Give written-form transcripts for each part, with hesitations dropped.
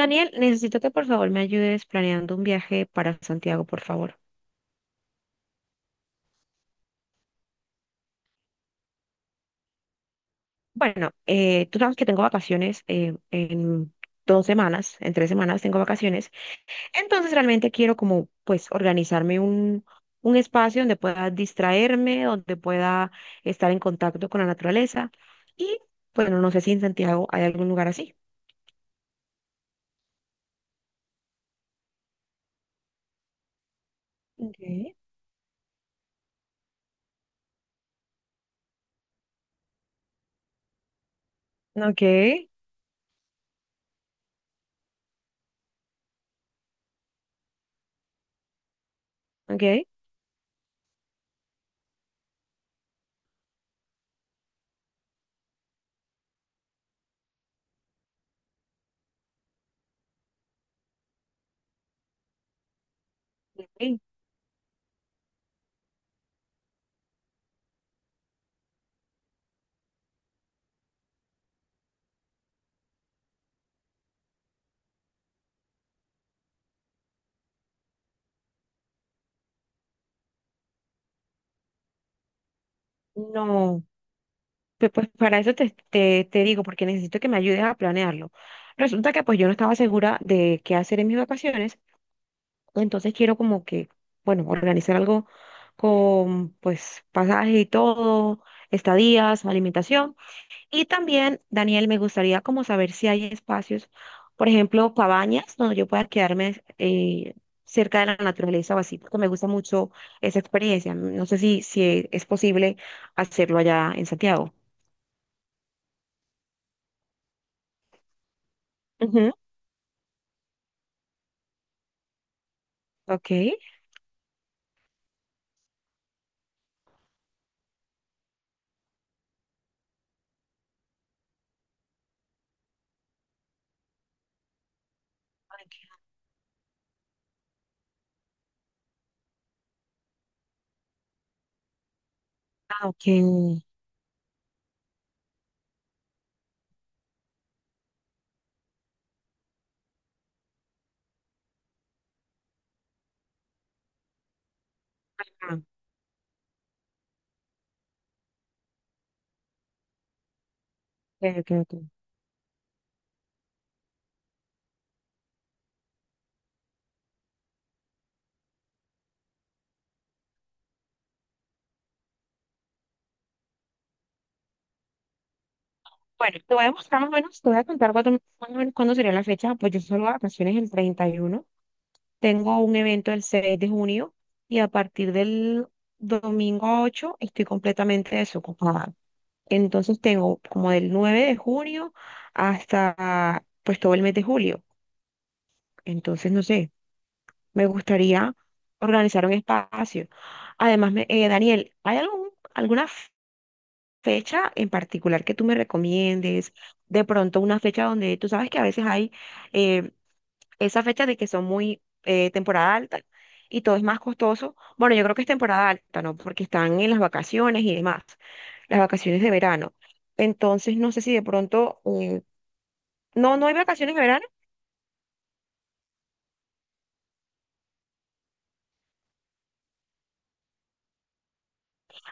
Daniel, necesito que por favor me ayudes planeando un viaje para Santiago, por favor. Bueno, tú sabes que tengo vacaciones en 2 semanas, en 3 semanas tengo vacaciones. Entonces realmente quiero como pues organizarme un espacio donde pueda distraerme, donde pueda estar en contacto con la naturaleza. Y bueno, no sé si en Santiago hay algún lugar así. Okay. Okay. ¿Ok? Sí. No. Pues para eso te digo, porque necesito que me ayudes a planearlo. Resulta que pues yo no estaba segura de qué hacer en mis vacaciones, entonces quiero como que, bueno, organizar algo con pues pasaje y todo, estadías, alimentación. Y también, Daniel, me gustaría como saber si hay espacios, por ejemplo, cabañas donde yo pueda quedarme cerca de la naturaleza o así, porque me gusta mucho esa experiencia. No sé si es posible hacerlo allá en Santiago. Ok. Ok. Ah, ok. Ah, ok, ok, ok. Bueno, te voy a mostrar más o menos, te voy a contar cuándo, más o menos cuándo sería la fecha. Pues yo solo vacaciones el 31. Tengo un evento el 6 de junio y a partir del domingo 8 estoy completamente desocupada. Entonces tengo como del 9 de junio hasta pues todo el mes de julio. Entonces, no sé, me gustaría organizar un espacio. Además, Daniel, ¿hay alguna fecha en particular que tú me recomiendes, de pronto una fecha donde tú sabes que a veces hay eh, esa fecha de que son muy temporada alta y todo es más costoso? Bueno, yo creo que es temporada alta, ¿no? Porque están en las vacaciones y demás, las vacaciones de verano. Entonces, no sé si de pronto, no, no hay vacaciones de verano.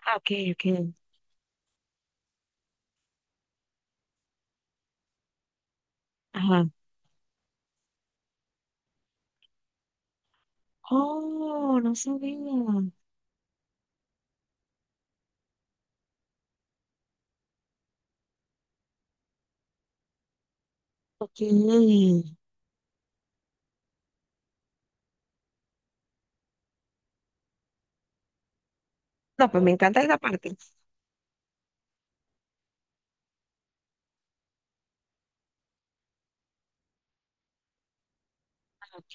Ah, ok, ok. Ajá. Oh, no sabía. Ok. No, pues me encanta esa parte. Ok,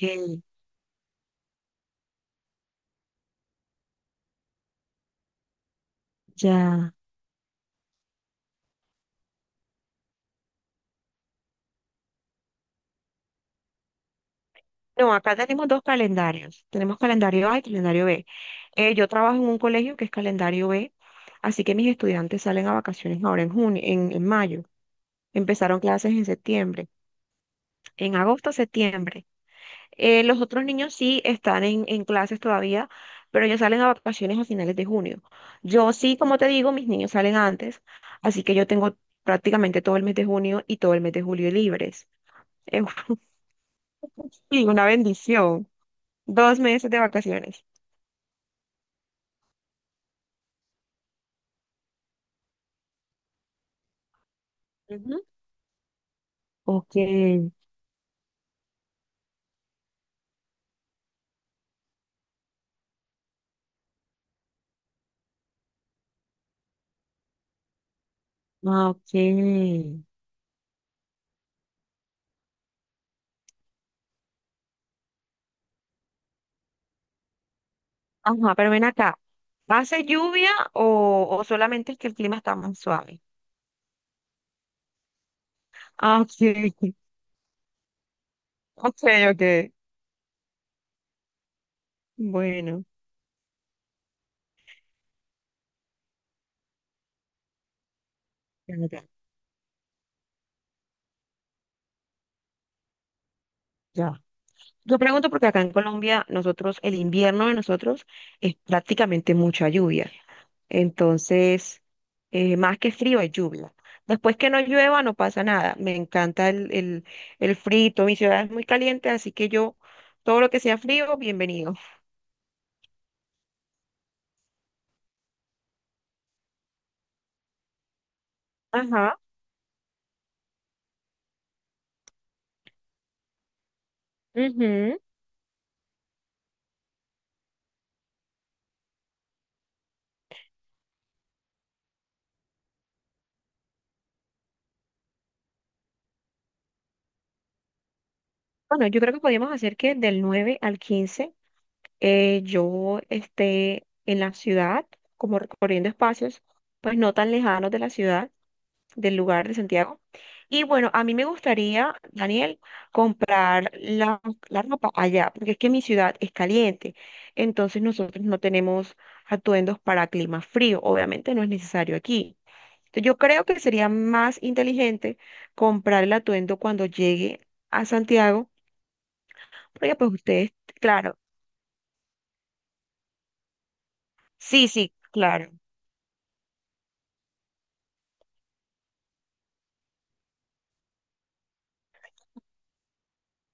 ya. No, acá tenemos dos calendarios. Tenemos calendario A y calendario B. Yo trabajo en un colegio que es calendario B, así que mis estudiantes salen a vacaciones ahora en junio, en mayo. Empezaron clases en septiembre, en agosto, septiembre. Los otros niños sí están en clases todavía, pero ellos salen a vacaciones a finales de junio. Yo sí, como te digo, mis niños salen antes, así que yo tengo prácticamente todo el mes de junio y todo el mes de julio libres. Eh, y una bendición. 2 meses de vacaciones. Ok, ah, ok. Ajá, pero ven acá. ¿Hace lluvia o solamente es que el clima está más suave? Ah, ok, ok, ok. Bueno, ya, ya. Ya. Yo pregunto porque acá en Colombia, nosotros, el invierno de nosotros es prácticamente mucha lluvia. Entonces, más que frío es lluvia. Después que no llueva, no pasa nada. Me encanta el frito. Mi ciudad es muy caliente, así que yo, todo lo que sea frío, bienvenido. Ajá. Ujú. Bueno, yo creo que podríamos hacer que del 9 al 15 yo esté en la ciudad, como recorriendo espacios, pues no tan lejanos de la ciudad, del lugar de Santiago. Y bueno, a mí me gustaría, Daniel, comprar la ropa allá, porque es que mi ciudad es caliente, entonces nosotros no tenemos atuendos para clima frío, obviamente no es necesario aquí. Entonces, yo creo que sería más inteligente comprar el atuendo cuando llegue a Santiago. Porque pues ustedes, claro. Sí, sí, claro.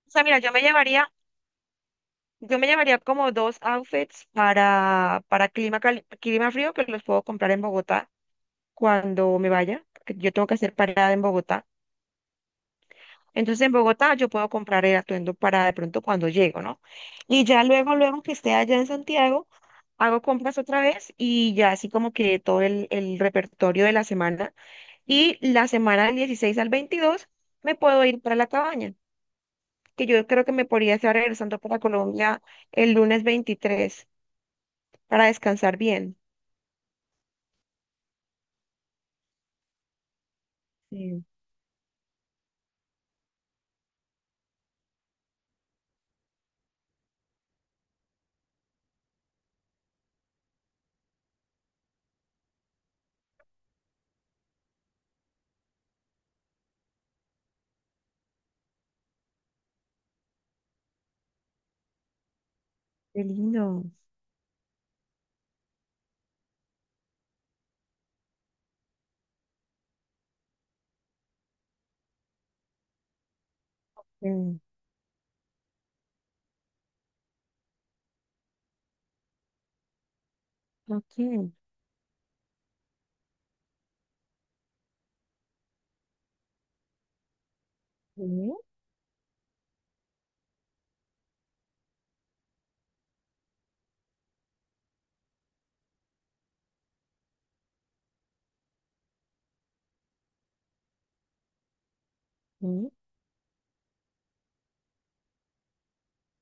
O sea, mira, yo me llevaría como dos outfits para clima, clima frío que los puedo comprar en Bogotá cuando me vaya, porque yo tengo que hacer parada en Bogotá. Entonces en Bogotá yo puedo comprar el atuendo para de pronto cuando llego, ¿no? Y ya luego, luego que esté allá en Santiago, hago compras otra vez y ya así como que todo el repertorio de la semana. Y la semana del 16 al 22 me puedo ir para la cabaña, que yo creo que me podría estar regresando para Colombia el lunes 23 para descansar bien. Sí. Qué lindo. Sí. Ok, mm, mm,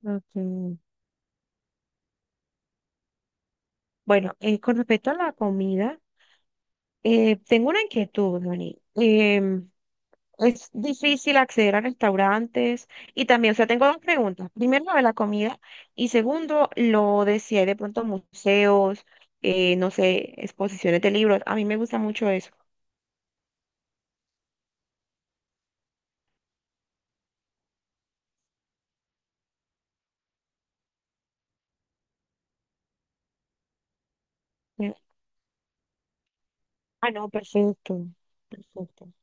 ok. Bueno, con respecto a la comida, tengo una inquietud, Dani. Es difícil acceder a restaurantes y también, o sea, tengo dos preguntas. Primero, lo de la comida y segundo, lo de si hay de pronto museos, no sé, exposiciones de libros. A mí me gusta mucho eso. Ah, no, perfecto, perfecto.